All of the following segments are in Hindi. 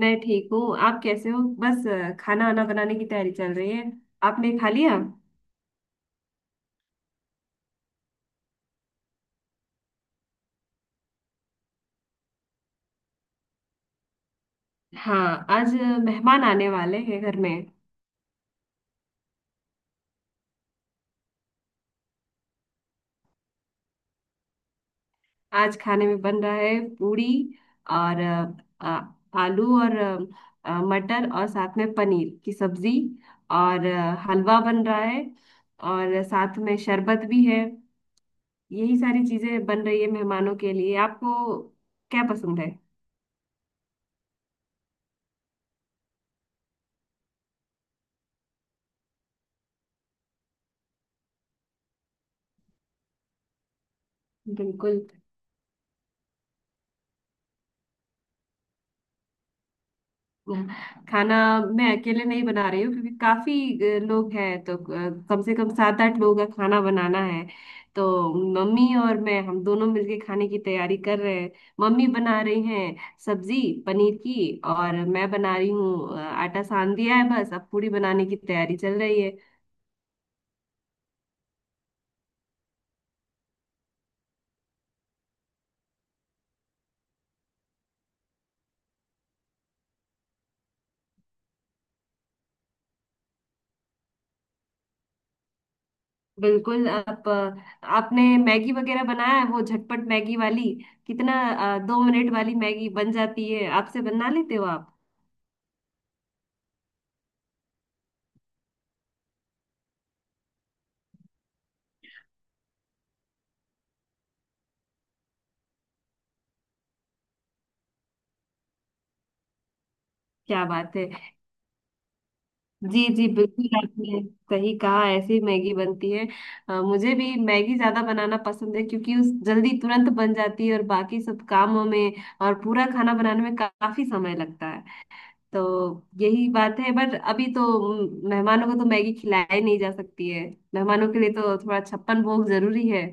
मैं ठीक हूँ, आप कैसे हो। बस खाना आना बनाने की तैयारी चल रही है। आपने खा लिया? हाँ, आज मेहमान आने वाले हैं घर में। आज खाने में बन रहा है पूड़ी और आलू और मटर और साथ में पनीर की सब्जी, और हलवा बन रहा है। और साथ में शरबत भी है। यही सारी चीजें बन रही है मेहमानों के लिए। आपको क्या पसंद है? बिल्कुल। खाना मैं अकेले नहीं बना रही हूँ, क्योंकि काफी लोग हैं, तो कम से कम सात आठ लोगों का खाना बनाना है। तो मम्मी और मैं, हम दोनों मिलके खाने की तैयारी कर रहे हैं। मम्मी बना रही हैं सब्जी पनीर की, और मैं बना रही हूँ आटा। सान दिया है, बस अब पूड़ी बनाने की तैयारी चल रही है। बिल्कुल। आपने मैगी वगैरह बनाया है वो झटपट मैगी वाली? कितना 2 मिनट वाली मैगी बन जाती है, आपसे बना लेते हो आप? क्या बात है। जी जी, बिल्कुल आपने सही कहा, ऐसी मैगी बनती है। मुझे भी मैगी ज्यादा बनाना पसंद है, क्योंकि उस जल्दी तुरंत बन जाती है, और बाकी सब कामों में और पूरा खाना बनाने में काफी समय लगता है। तो यही बात है। बट अभी तो मेहमानों को तो मैगी खिलाई नहीं जा सकती है। मेहमानों के लिए तो थोड़ा छप्पन भोग जरूरी है।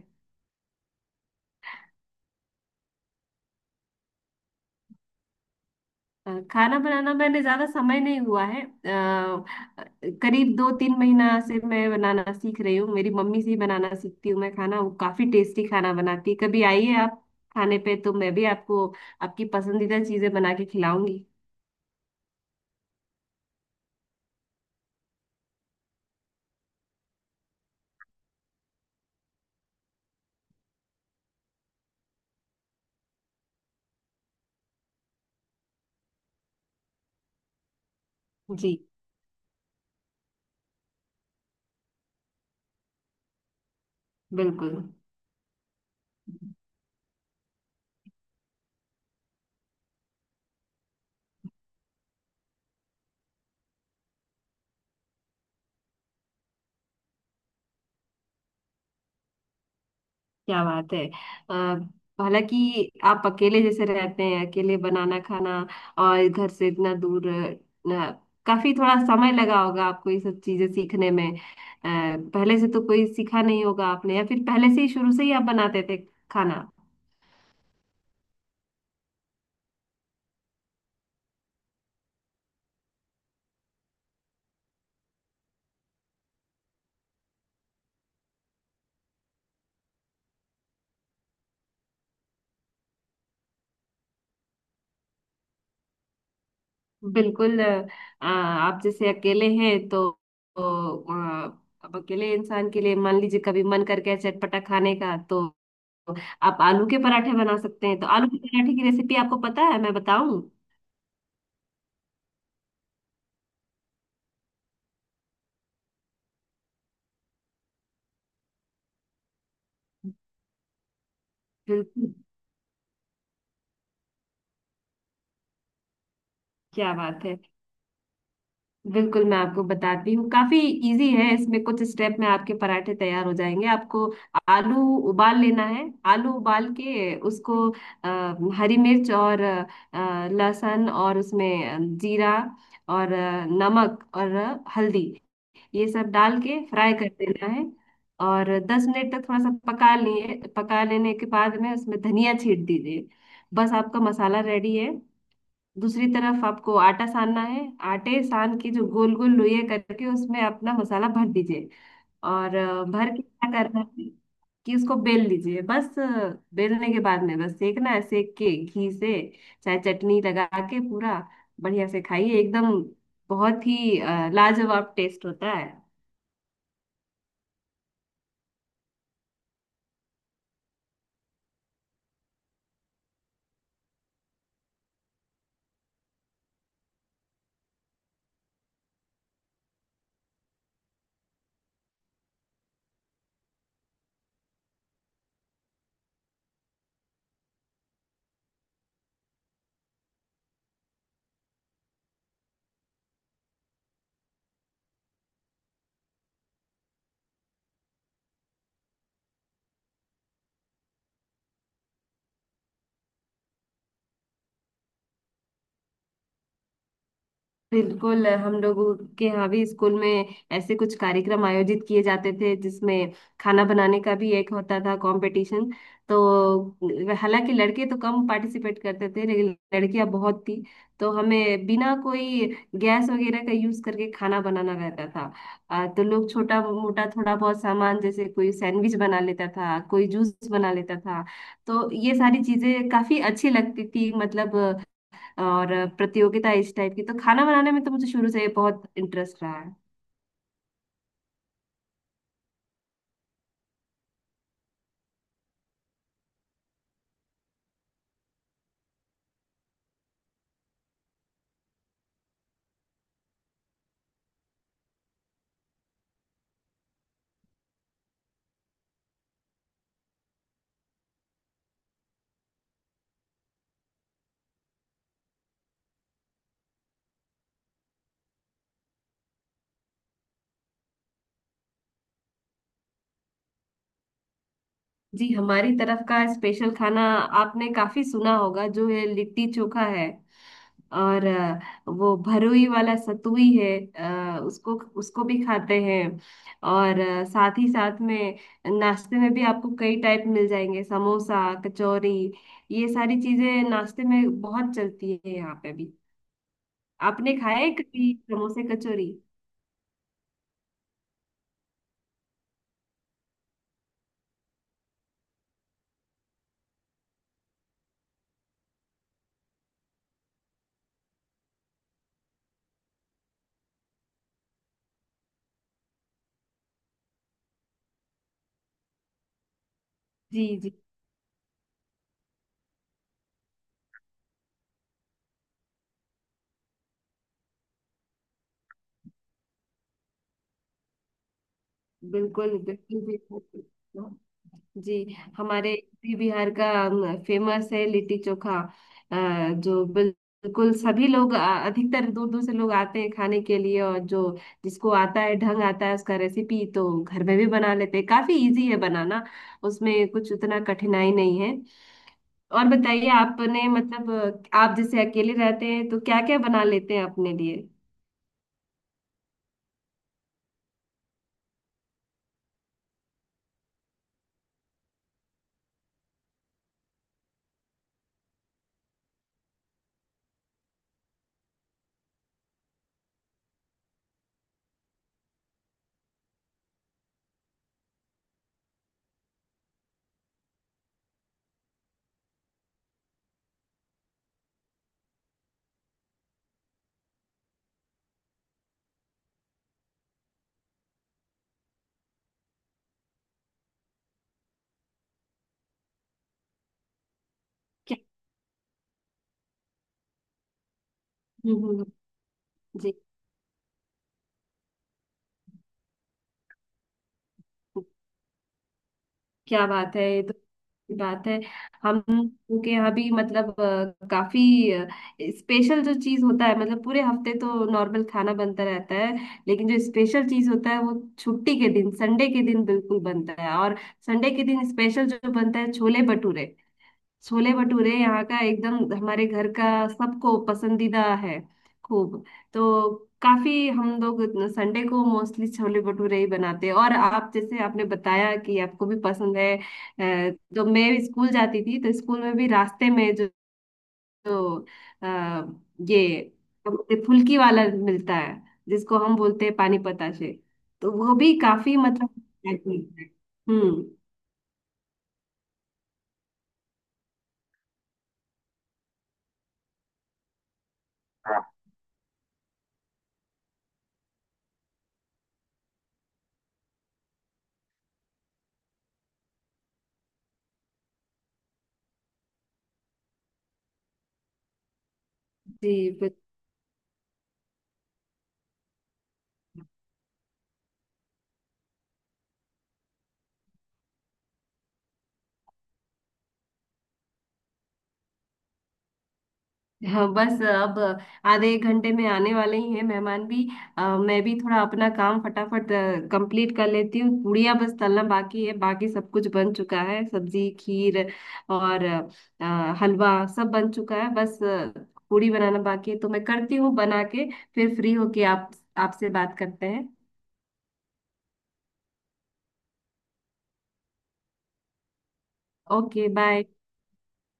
खाना बनाना मैंने ज्यादा समय नहीं हुआ है। करीब 2-3 महीना से मैं बनाना सीख रही हूँ, मेरी मम्मी से ही बनाना सीखती हूँ मैं खाना। वो काफी टेस्टी खाना बनाती है, कभी आइए आप। खाने पे तो मैं भी आपको, आपकी पसंदीदा चीजें बना के खिलाऊंगी। जी बिल्कुल। क्या बात है। अ, हालांकि आप अकेले जैसे रहते हैं, अकेले बनाना खाना और घर से इतना दूर, काफी थोड़ा समय लगा होगा आपको ये सब चीजें सीखने में। पहले से तो कोई सीखा नहीं होगा आपने, या फिर पहले से ही, शुरू से ही आप बनाते थे खाना? बिल्कुल। आप जैसे अकेले हैं, तो अब अकेले इंसान के लिए मान लीजिए कभी मन करके है चटपटा खाने का, तो आप आलू के पराठे बना सकते हैं। तो आलू के पराठे की रेसिपी आपको पता है, मैं बताऊं? बिल्कुल, क्या बात है। बिल्कुल, मैं आपको बताती हूँ। काफी इजी है, इसमें कुछ स्टेप में आपके पराठे तैयार हो जाएंगे। आपको आलू उबाल लेना है। आलू उबाल के उसको, हरी मिर्च और लहसुन और उसमें जीरा और नमक और हल्दी, ये सब डाल के फ्राई कर देना है। और 10 मिनट तक थोड़ा सा पका लेने के बाद में उसमें धनिया छीट दीजिए। बस आपका मसाला रेडी है। दूसरी तरफ आपको आटा सानना है। आटे सान के जो गोल गोल लोई करके उसमें अपना मसाला भर दीजिए। और भर के क्या करना है कि उसको बेल लीजिए। बस बेलने के बाद में बस सेकना है, सेक के घी से, चाहे चटनी लगा के पूरा बढ़िया से खाइए एकदम। बहुत ही लाजवाब टेस्ट होता है। बिल्कुल, हम लोगों के यहाँ भी स्कूल में ऐसे कुछ कार्यक्रम आयोजित किए जाते थे, जिसमें खाना बनाने का भी एक होता था कंपटीशन। तो हालांकि लड़के तो कम पार्टिसिपेट करते थे, लेकिन लड़कियां बहुत थी। तो हमें बिना कोई गैस वगैरह का यूज करके खाना बनाना रहता था। तो लोग छोटा मोटा थोड़ा बहुत सामान, जैसे कोई सैंडविच बना लेता था, कोई जूस बना लेता था। तो ये सारी चीजें काफी अच्छी लगती थी, मतलब। और प्रतियोगिता इस टाइप की, तो खाना बनाने में तो मुझे शुरू से बहुत इंटरेस्ट रहा है। जी, हमारी तरफ का स्पेशल खाना आपने काफी सुना होगा, जो है लिट्टी चोखा है। और वो भरुई वाला सतुई है। उसको उसको भी खाते हैं। और साथ ही साथ में नाश्ते में भी आपको कई टाइप मिल जाएंगे, समोसा, कचौरी, ये सारी चीजें नाश्ते में बहुत चलती है यहाँ पे भी। आपने खाए कभी समोसे कचौरी? जी जी, बिल्कुल बिल्कुल। जी। जी। हमारे यूपी बिहार का फेमस है लिट्टी चोखा। अ, जो बिल्कुल सभी लोग, अधिकतर दूर दूर से लोग आते हैं खाने के लिए। और जो जिसको आता है ढंग, आता है उसका रेसिपी तो घर में भी बना लेते हैं, काफी इजी है बनाना, उसमें कुछ उतना कठिनाई नहीं है। और बताइए, आपने मतलब, आप जैसे अकेले रहते हैं तो क्या क्या बना लेते हैं अपने लिए? क्या- हम्म। जी। क्या बात है, ये तो अच्छी बात है। हम, उनके यहाँ भी मतलब काफी स्पेशल जो चीज होता है, मतलब पूरे हफ्ते तो नॉर्मल खाना बनता रहता है, लेकिन जो स्पेशल चीज होता है वो छुट्टी के दिन, संडे के दिन बिल्कुल बनता है। और संडे के दिन स्पेशल जो बनता है, छोले भटूरे। छोले भटूरे यहाँ का, एकदम हमारे घर का सबको पसंदीदा है, खूब। तो काफी हम लोग संडे को मोस्टली छोले भटूरे ही बनाते हैं। और आप जैसे आपने बताया कि आपको भी पसंद है, तो मैं भी स्कूल जाती थी, तो स्कूल में भी रास्ते में जो अ, ये फुल्की वाला मिलता है, जिसको हम बोलते हैं पानी पताशे। तो वो भी काफी, मतलब, हम्म। जी हाँ। बस अब आधे एक घंटे में आने वाले ही हैं मेहमान भी। मैं भी थोड़ा अपना काम फटाफट कंप्लीट कर लेती हूँ। पूड़ियाँ बस तलना बाकी है, बाकी सब कुछ बन चुका है, सब्जी, खीर और हलवा सब बन चुका है। बस पूड़ी बनाना बाकी है, तो मैं करती हूँ बना के, फिर फ्री होके आप आपसे बात करते हैं। Okay bye.